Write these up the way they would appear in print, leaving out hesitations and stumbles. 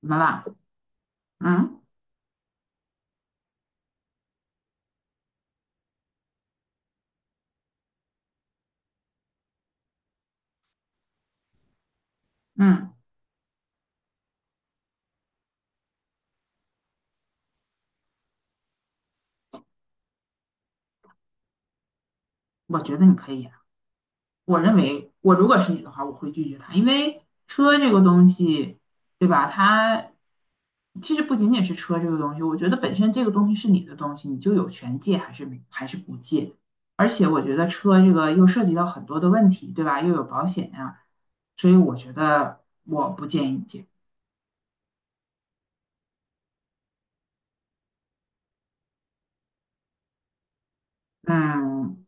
怎么啦？嗯嗯，我觉得你可以啊。我认为，我如果是你的话，我会拒绝他，因为车这个东西，对吧？它其实不仅仅是车这个东西，我觉得本身这个东西是你的东西，你就有权借还是不借。而且我觉得车这个又涉及到很多的问题，对吧？又有保险呀、所以我觉得我不建议你借。嗯，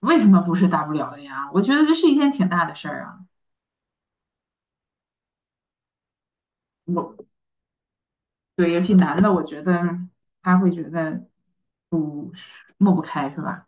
为什么不是大不了的呀？我觉得这是一件挺大的事儿啊。我对，尤其男的，我觉得他会觉得抹不开，是吧？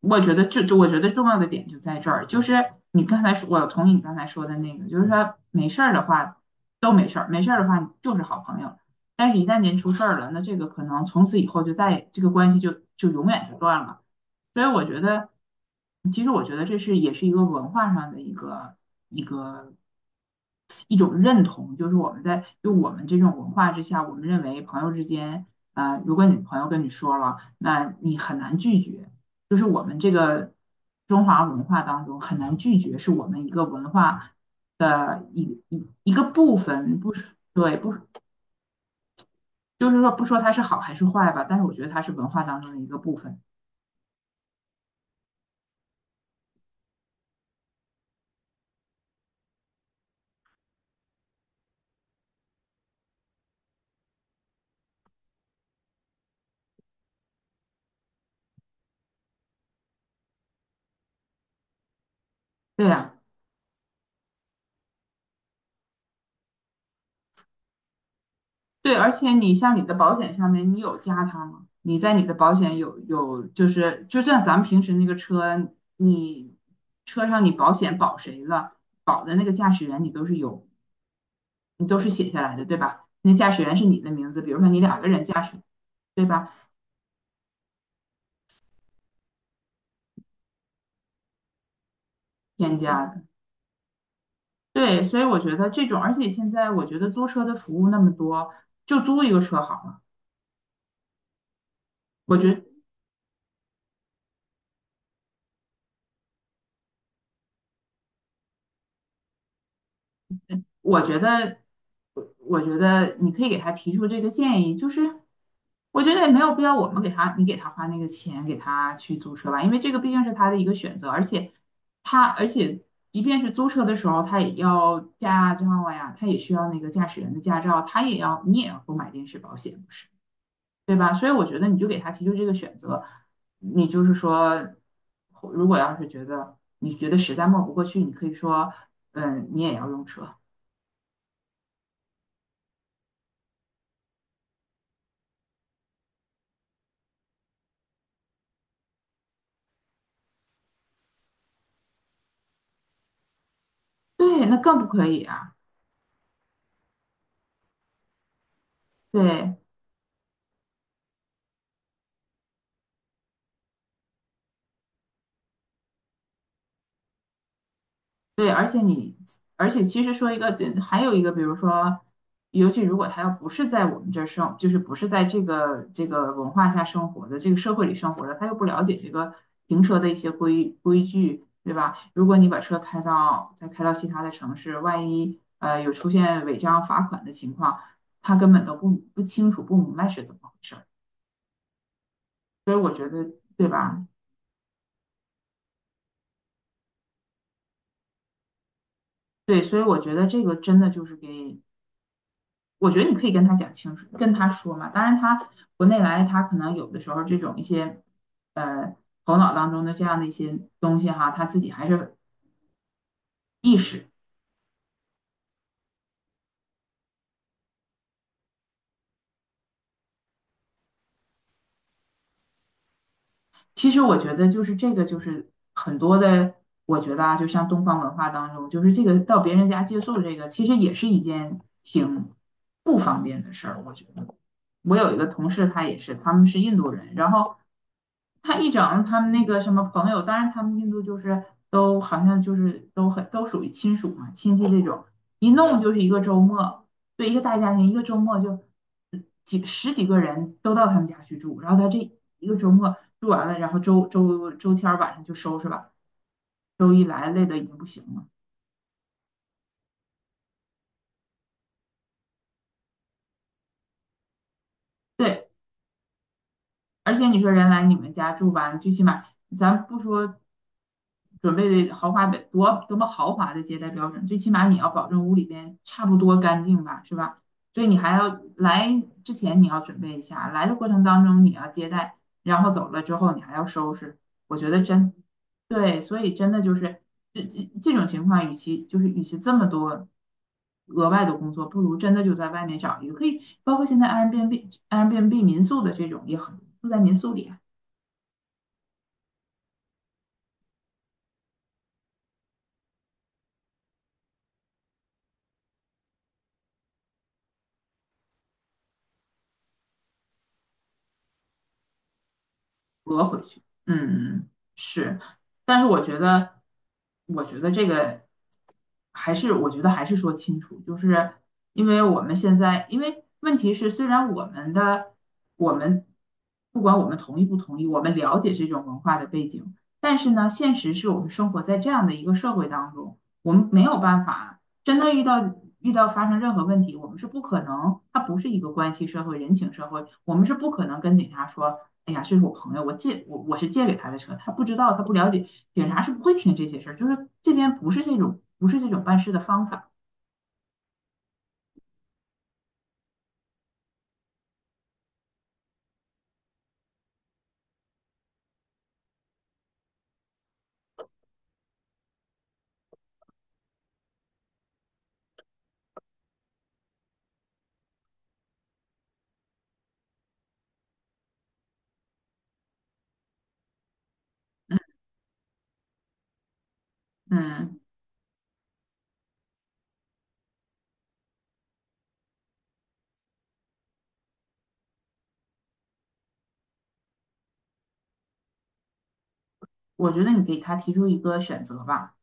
我觉得这我觉得重要的点就在这儿，就是你刚才说，我同意你刚才说的那个，就是说没事儿的话都没事儿，没事儿的话就是好朋友，但是一旦您出事儿了，那这个可能从此以后就再也这个关系就永远就断了。所以我觉得，其实我觉得这是也是一个文化上的一个。一种认同，就是我们这种文化之下，我们认为朋友之间，如果你朋友跟你说了，那你很难拒绝，就是我们这个中华文化当中很难拒绝，是我们一个文化的一个部分，不是对不就是说不说它是好还是坏吧，但是我觉得它是文化当中的一个部分，对呀、对，而且你像你的保险上面，你有加他吗？你在你的保险有，就是就像咱们平时那个车，你车上你保险保谁了，保的那个驾驶员你都是有，你都是写下来的，对吧？那驾驶员是你的名字，比如说你两个人驾驶，对吧？添加的，对，所以我觉得这种，而且现在我觉得租车的服务那么多，就租一个车好了。我觉得我觉得，我觉得你可以给他提出这个建议，就是我觉得也没有必要我们给他，你给他花那个钱给他去租车吧，因为这个毕竟是他的一个选择，而且他而且即便是租车的时候，他也要驾照呀，他也需要那个驾驶员的驾照，他也要你也要购买临时保险，不是，对吧？所以我觉得你就给他提出这个选择，你就是说，如果要是你觉得实在抹不过去，你可以说，嗯，你也要用车。对，那更不可以啊！对对，而且你，而且其实说一个，还有一个，比如说，尤其如果他要不是在我们这儿生，就是不是在这个文化下生活的，这个社会里生活的，他又不了解这个停车的一些规矩，对吧？如果你把车开到其他的城市，万一有出现违章罚款的情况，他根本都不清楚不明白是怎么回事儿，所以我觉得，对吧？对，所以我觉得这个真的就是给。我觉得你可以跟他讲清楚，跟他说嘛。当然他，国内来，他可能有的时候这种一些呃头脑当中的这样的一些东西哈，他自己还是意识。其实我觉得就是这个，就是很多的，我觉得啊，就像东方文化当中，就是这个到别人家借宿这个，其实也是一件挺不方便的事儿。我觉得我有一个同事，他也是，他们是印度人，然后他一整他们那个什么朋友，当然他们印度就是都好像就是都很都属于亲属嘛，亲戚这种，一弄就是一个周末，对，一个大家庭，一个周末就几十几个人都到他们家去住，然后他这一个周末住完了，然后周周周天儿晚上就收拾吧，周一来累的已经不行了。对，而且你说人来你们家住吧，你最起码咱不说准备的豪华的多么豪华的接待标准，最起码你要保证屋里边差不多干净吧，是吧？所以你还要来之前你要准备一下，来的过程当中你要接待，然后走了之后你还要收拾。我觉得真对，所以真的就是。这种情况，与其这么多额外的工作，不如真的就在外面找一个，可以包括现在 Airbnb 民宿的这种也很多住在民宿里。折回去。嗯，是，但是我觉得这个还是，我觉得还是说清楚，就是因为我们现在，因为问题是，虽然我们不管我们同意不同意，我们了解这种文化的背景，但是呢，现实是我们生活在这样的一个社会当中，我们没有办法真的遇到发生任何问题，我们是不可能，它不是一个关系社会、人情社会，我们是不可能跟警察说，哎呀，这是我朋友，我是借给他的车，他不知道，他不了解，警察是不会听这些事儿，就是这边不是这种办事的方法。嗯，我觉得你给他提出一个选择吧。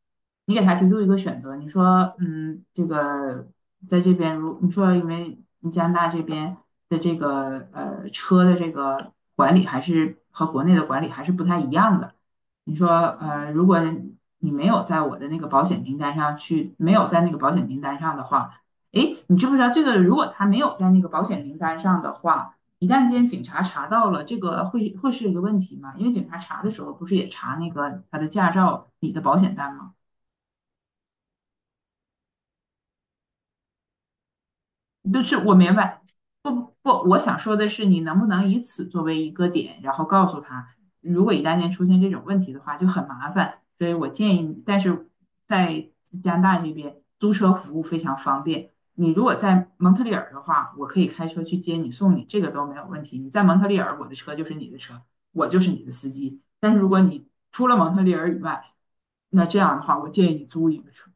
你给他提出一个选择，你说，嗯，这个在这边如你说，因为你加拿大这边的这个车的这个管理还是和国内的管理还是不太一样的。你说，如果你没有在我的那个保险名单上去，没有在那个保险名单上的话，诶，你知不知道这个？如果他没有在那个保险名单上的话，一旦间警察查到了，这个会是一个问题吗？因为警察查的时候不是也查那个他的驾照、你的保险单吗？就是我明白，不不，我想说的是，你能不能以此作为一个点，然后告诉他，如果一旦间出现这种问题的话，就很麻烦。所以我建议你，但是在加拿大这边租车服务非常方便。你如果在蒙特利尔的话，我可以开车去接你送你，这个都没有问题。你在蒙特利尔，我的车就是你的车，我就是你的司机。但是如果你除了蒙特利尔以外，那这样的话，我建议你租一个车。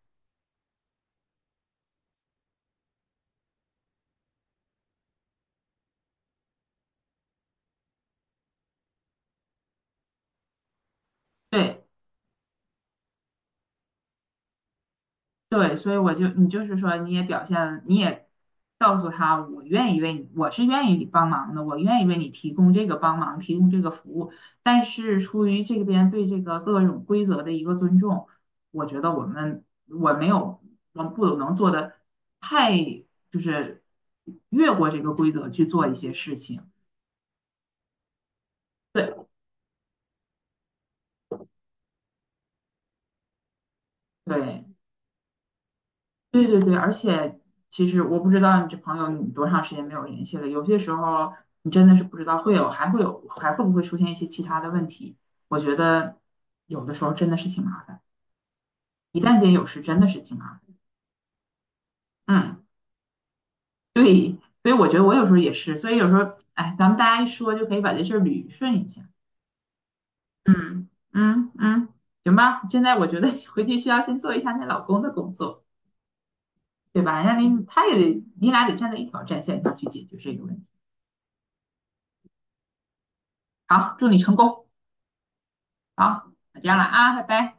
对，对，所以你就是说，你也表现，你也告诉他，我愿意为你，我是愿意帮忙的，我愿意为你提供这个帮忙，提供这个服务。但是出于这边对这个各种规则的一个尊重，我觉得我没有，我不能做的太就是越过这个规则去做一些事情。对对。对对对，而且其实我不知道你这朋友你多长时间没有联系了，有些时候你真的是不知道会有，还会有，还会不会出现一些其他的问题。我觉得有的时候真的是挺麻烦，一旦间有事真的是挺麻烦。嗯，对，所以我觉得我有时候也是，所以有时候，哎，咱们大家一说就可以把这事儿捋顺一下。嗯嗯嗯，行吧，现在我觉得你回去需要先做一下你老公的工作，对吧？他也得，你俩得站在一条战线上去解决这个问题。好，祝你成功。好，那见了啊，拜拜。